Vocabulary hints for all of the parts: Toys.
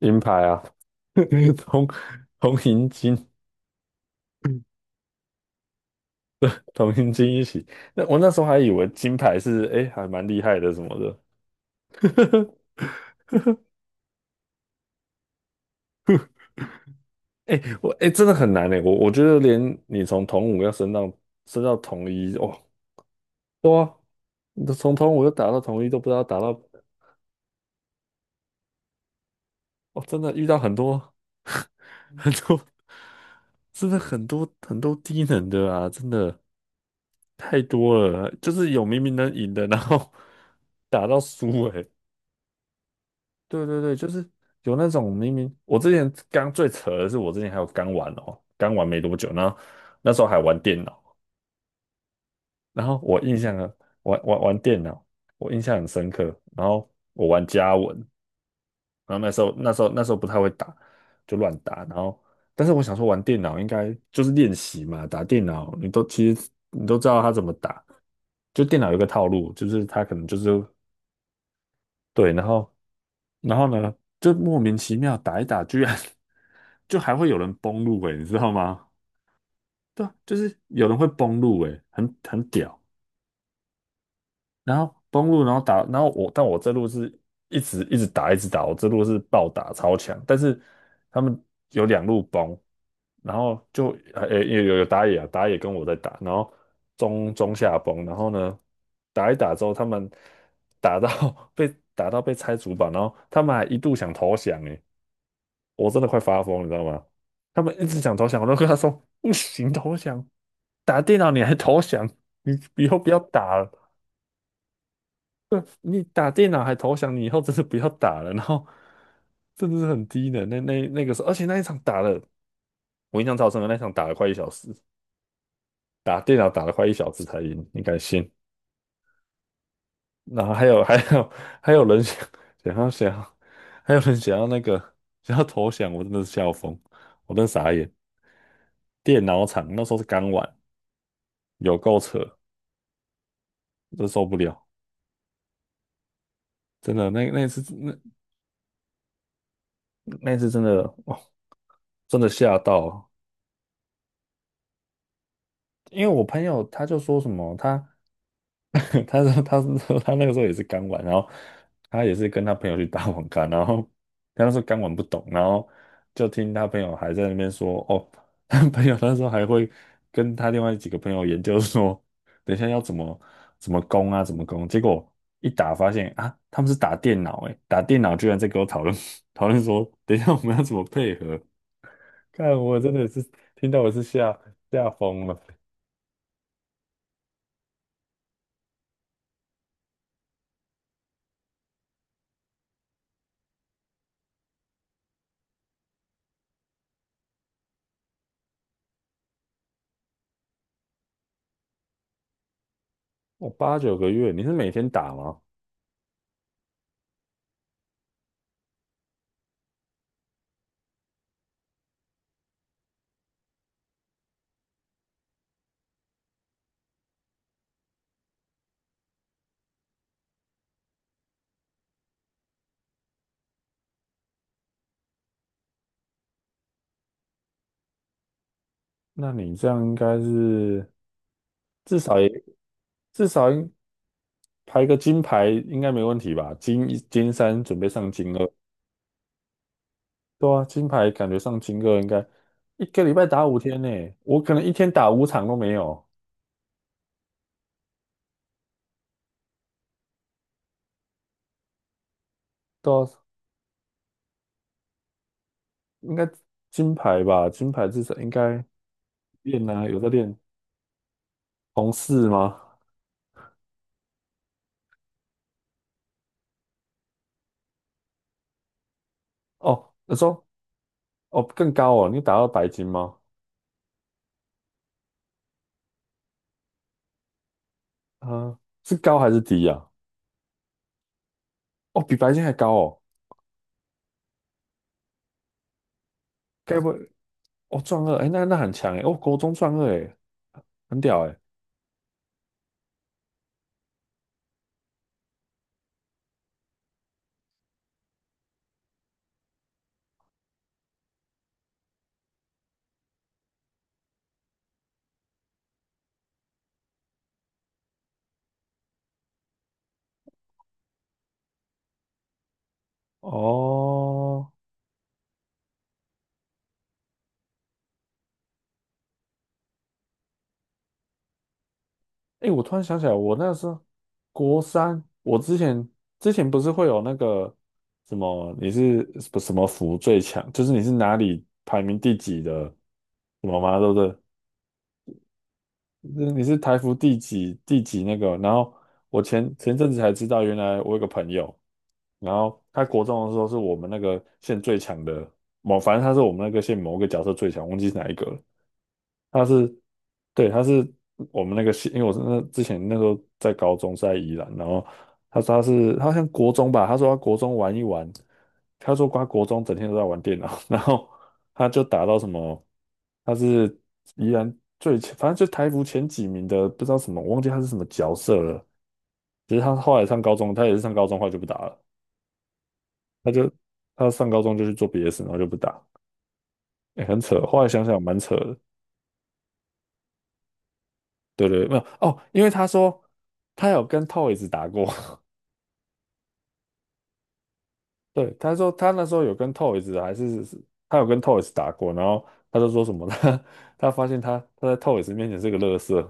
银牌啊。同同银金，同银金一起。那我那时候还以为金牌是还蛮厉害的什么的，我真的很难我觉得连你从同五要升到升到同一哦，哇，你都从同五又打到同一都不知道打到。哦，真的遇到很多 很多，真的很多很多低能的啊，真的太多了，就是有明明能赢的，然后 打到输对对对，就是有那种明明我之前刚最扯的是，我之前还有刚玩哦，刚玩没多久，然后那时候还玩电脑，然后我印象呢，玩电脑，我印象很深刻。然后我玩家文，然后那时候不太会打，就乱打。然后但是我想说玩电脑应该就是练习嘛，打电脑你都其实你都知道他怎么打，就电脑有一个套路，就是他可能就是对，然后然后呢，就莫名其妙打一打，居然 就还会有人崩路诶，你知道吗？对啊，就是有人会崩路诶，很屌。然后崩路，然后打，然后我，但我这路是一直打，一直打，我这路是暴打超强，但是他们有两路崩，然后就诶有打野啊，打野跟我在打，然后中下崩，然后呢打一打之后，他们打到 被打到被拆主板，然后他们还一度想投降，诶，我真的快发疯，你知道吗？他们一直想投降，我都跟他说不行，投降，打电脑你还投降，你以后不要打了。你打电脑还投降，你以后真的不要打了。然后真的是很低的那那个时候，而且那一场打了，我印象超深的，那一场打了快一小时，打电脑打了快一小时才赢，你敢信？然后还有人想想要，还有人想要那个想要投降，我真的是笑疯，我真的傻眼。电脑厂那时候是刚玩，有够扯，真受不了，真的那那次真的哦，真的吓到，因为我朋友他就说什么，他 他说他是说他那个时候也是刚玩，然后他也是跟他朋友去打网咖，然后他那时候刚玩不懂，然后就听他朋友还在那边说，哦，他朋友那时候还会跟他另外几个朋友研究说，等一下要怎么怎么攻啊，怎么攻，结果一打发现啊，他们是打电脑，诶，打电脑居然在跟我讨论 讨论说，等一下我们要怎么配合，看我真的是听到我是吓疯了。哦，八九个月，你是每天打吗？那你这样应该是至少也至少应排个金牌应该没问题吧？金一金三准备上金二，对啊，金牌感觉上金二应该一个礼拜打五天呢，我可能一天打五场都没有，对啊应该金牌吧？金牌至少应该练啊，有在练红四吗？哦，你说哦更高哦，你打到白金吗？啊、是高还是低啊？哦，比白金还高哦，该不会？哦，壮二，哎，那那很强哎，哦，国中壮二哎，很屌哎，哦，哎，我突然想起来，我那时候国三，我之前不是会有那个什么，你是什么什么服最强，就是你是哪里排名第几的什么吗？对不对？就是你是台服第几第几那个？然后我阵子才知道，原来我有个朋友，然后他国中的时候是我们那个县最强的某，反正他是我们那个县某个角色最强，忘记是哪一个了。他是，对，他是我们那个系，因为我是那之前那时候在高中是在宜兰，然后他说他是他好像国中吧，他说他国中玩一玩，他说他国中整天都在玩电脑，然后他就打到什么，他是宜兰最前反正就台服前几名的，不知道什么，我忘记他是什么角色了。只是他后来上高中，他也是上高中后来就不打了，他就他上高中就去做别的事，然后就不打，很扯，后来想想蛮扯的。对对，没有哦，因为他说他有跟 Toys 打过，对，他说他那时候有跟 Toys 还是他有跟 Toys 打过，然后他就说什么他 他发现他在 Toys 面前是个乐色，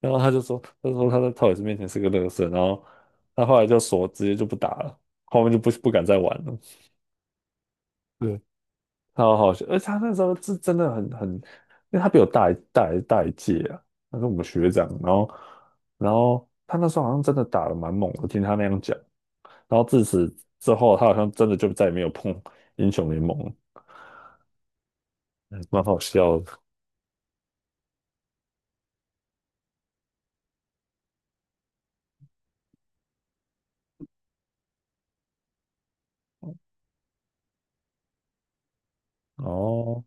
然后他就说他在 Toys 面前是个乐色，然后他后来就说直接就不打了，后面就不敢再玩了。对，超好笑，而且他那时候是真的很，因为他比我大一届啊，他是我们学长，然后然后他那时候好像真的打得蛮猛的，听他那样讲，然后自此之后，他好像真的就再也没有碰英雄联盟了，嗯蛮好笑的。哦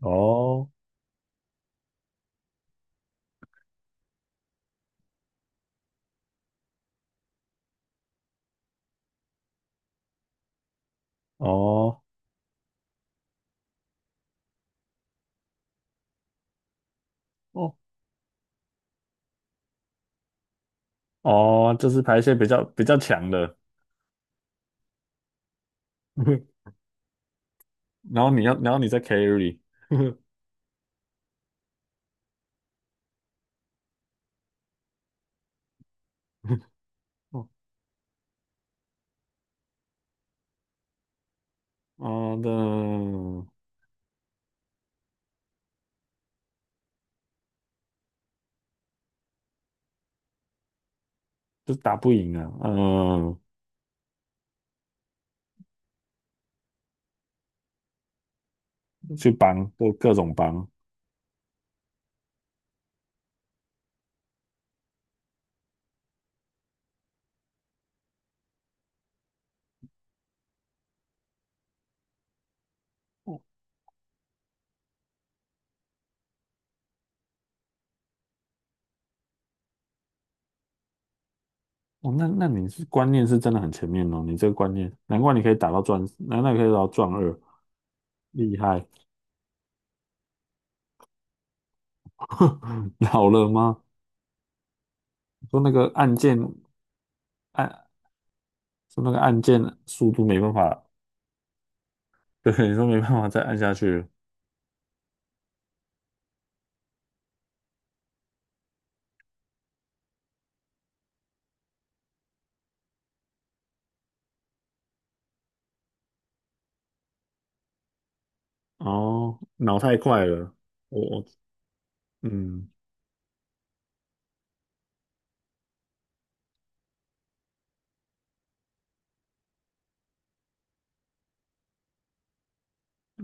哦哦哦哦，就是排一些比较比较强的，然后你要然后你在 carry，哦哦的，就是打不赢啊，嗯。去帮，各种帮。哦，那那你是观念是真的很前面哦，你这个观念，难怪你可以打到钻，难怪你可以打到钻二，厉害，老了吗？说那个按键按，说那个按键速度没办法，对，你说没办法再按下去了哦，脑太快了，我嗯，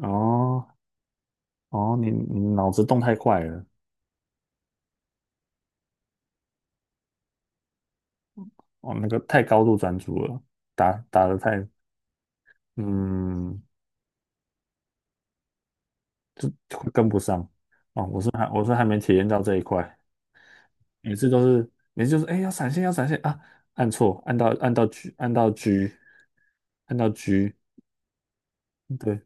哦哦，你你脑子动太快了，哦，那个太高度专注了，打的太，嗯，就会跟不上哦。我是还我是还没体验到这一块，每次就是哎要闪现要闪现啊，按错按到 G 按到 G，对，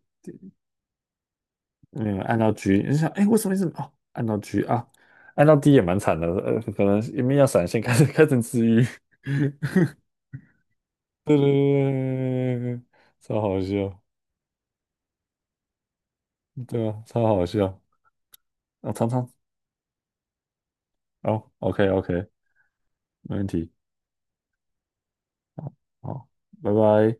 没有按到 G，你就想哎为什么哦按到 G 啊，按到 D 也蛮惨的，可能因为要闪现开始治愈，对对对对对对，超好笑，对啊超好笑，常常哦 OK OK 没问题，好，拜拜。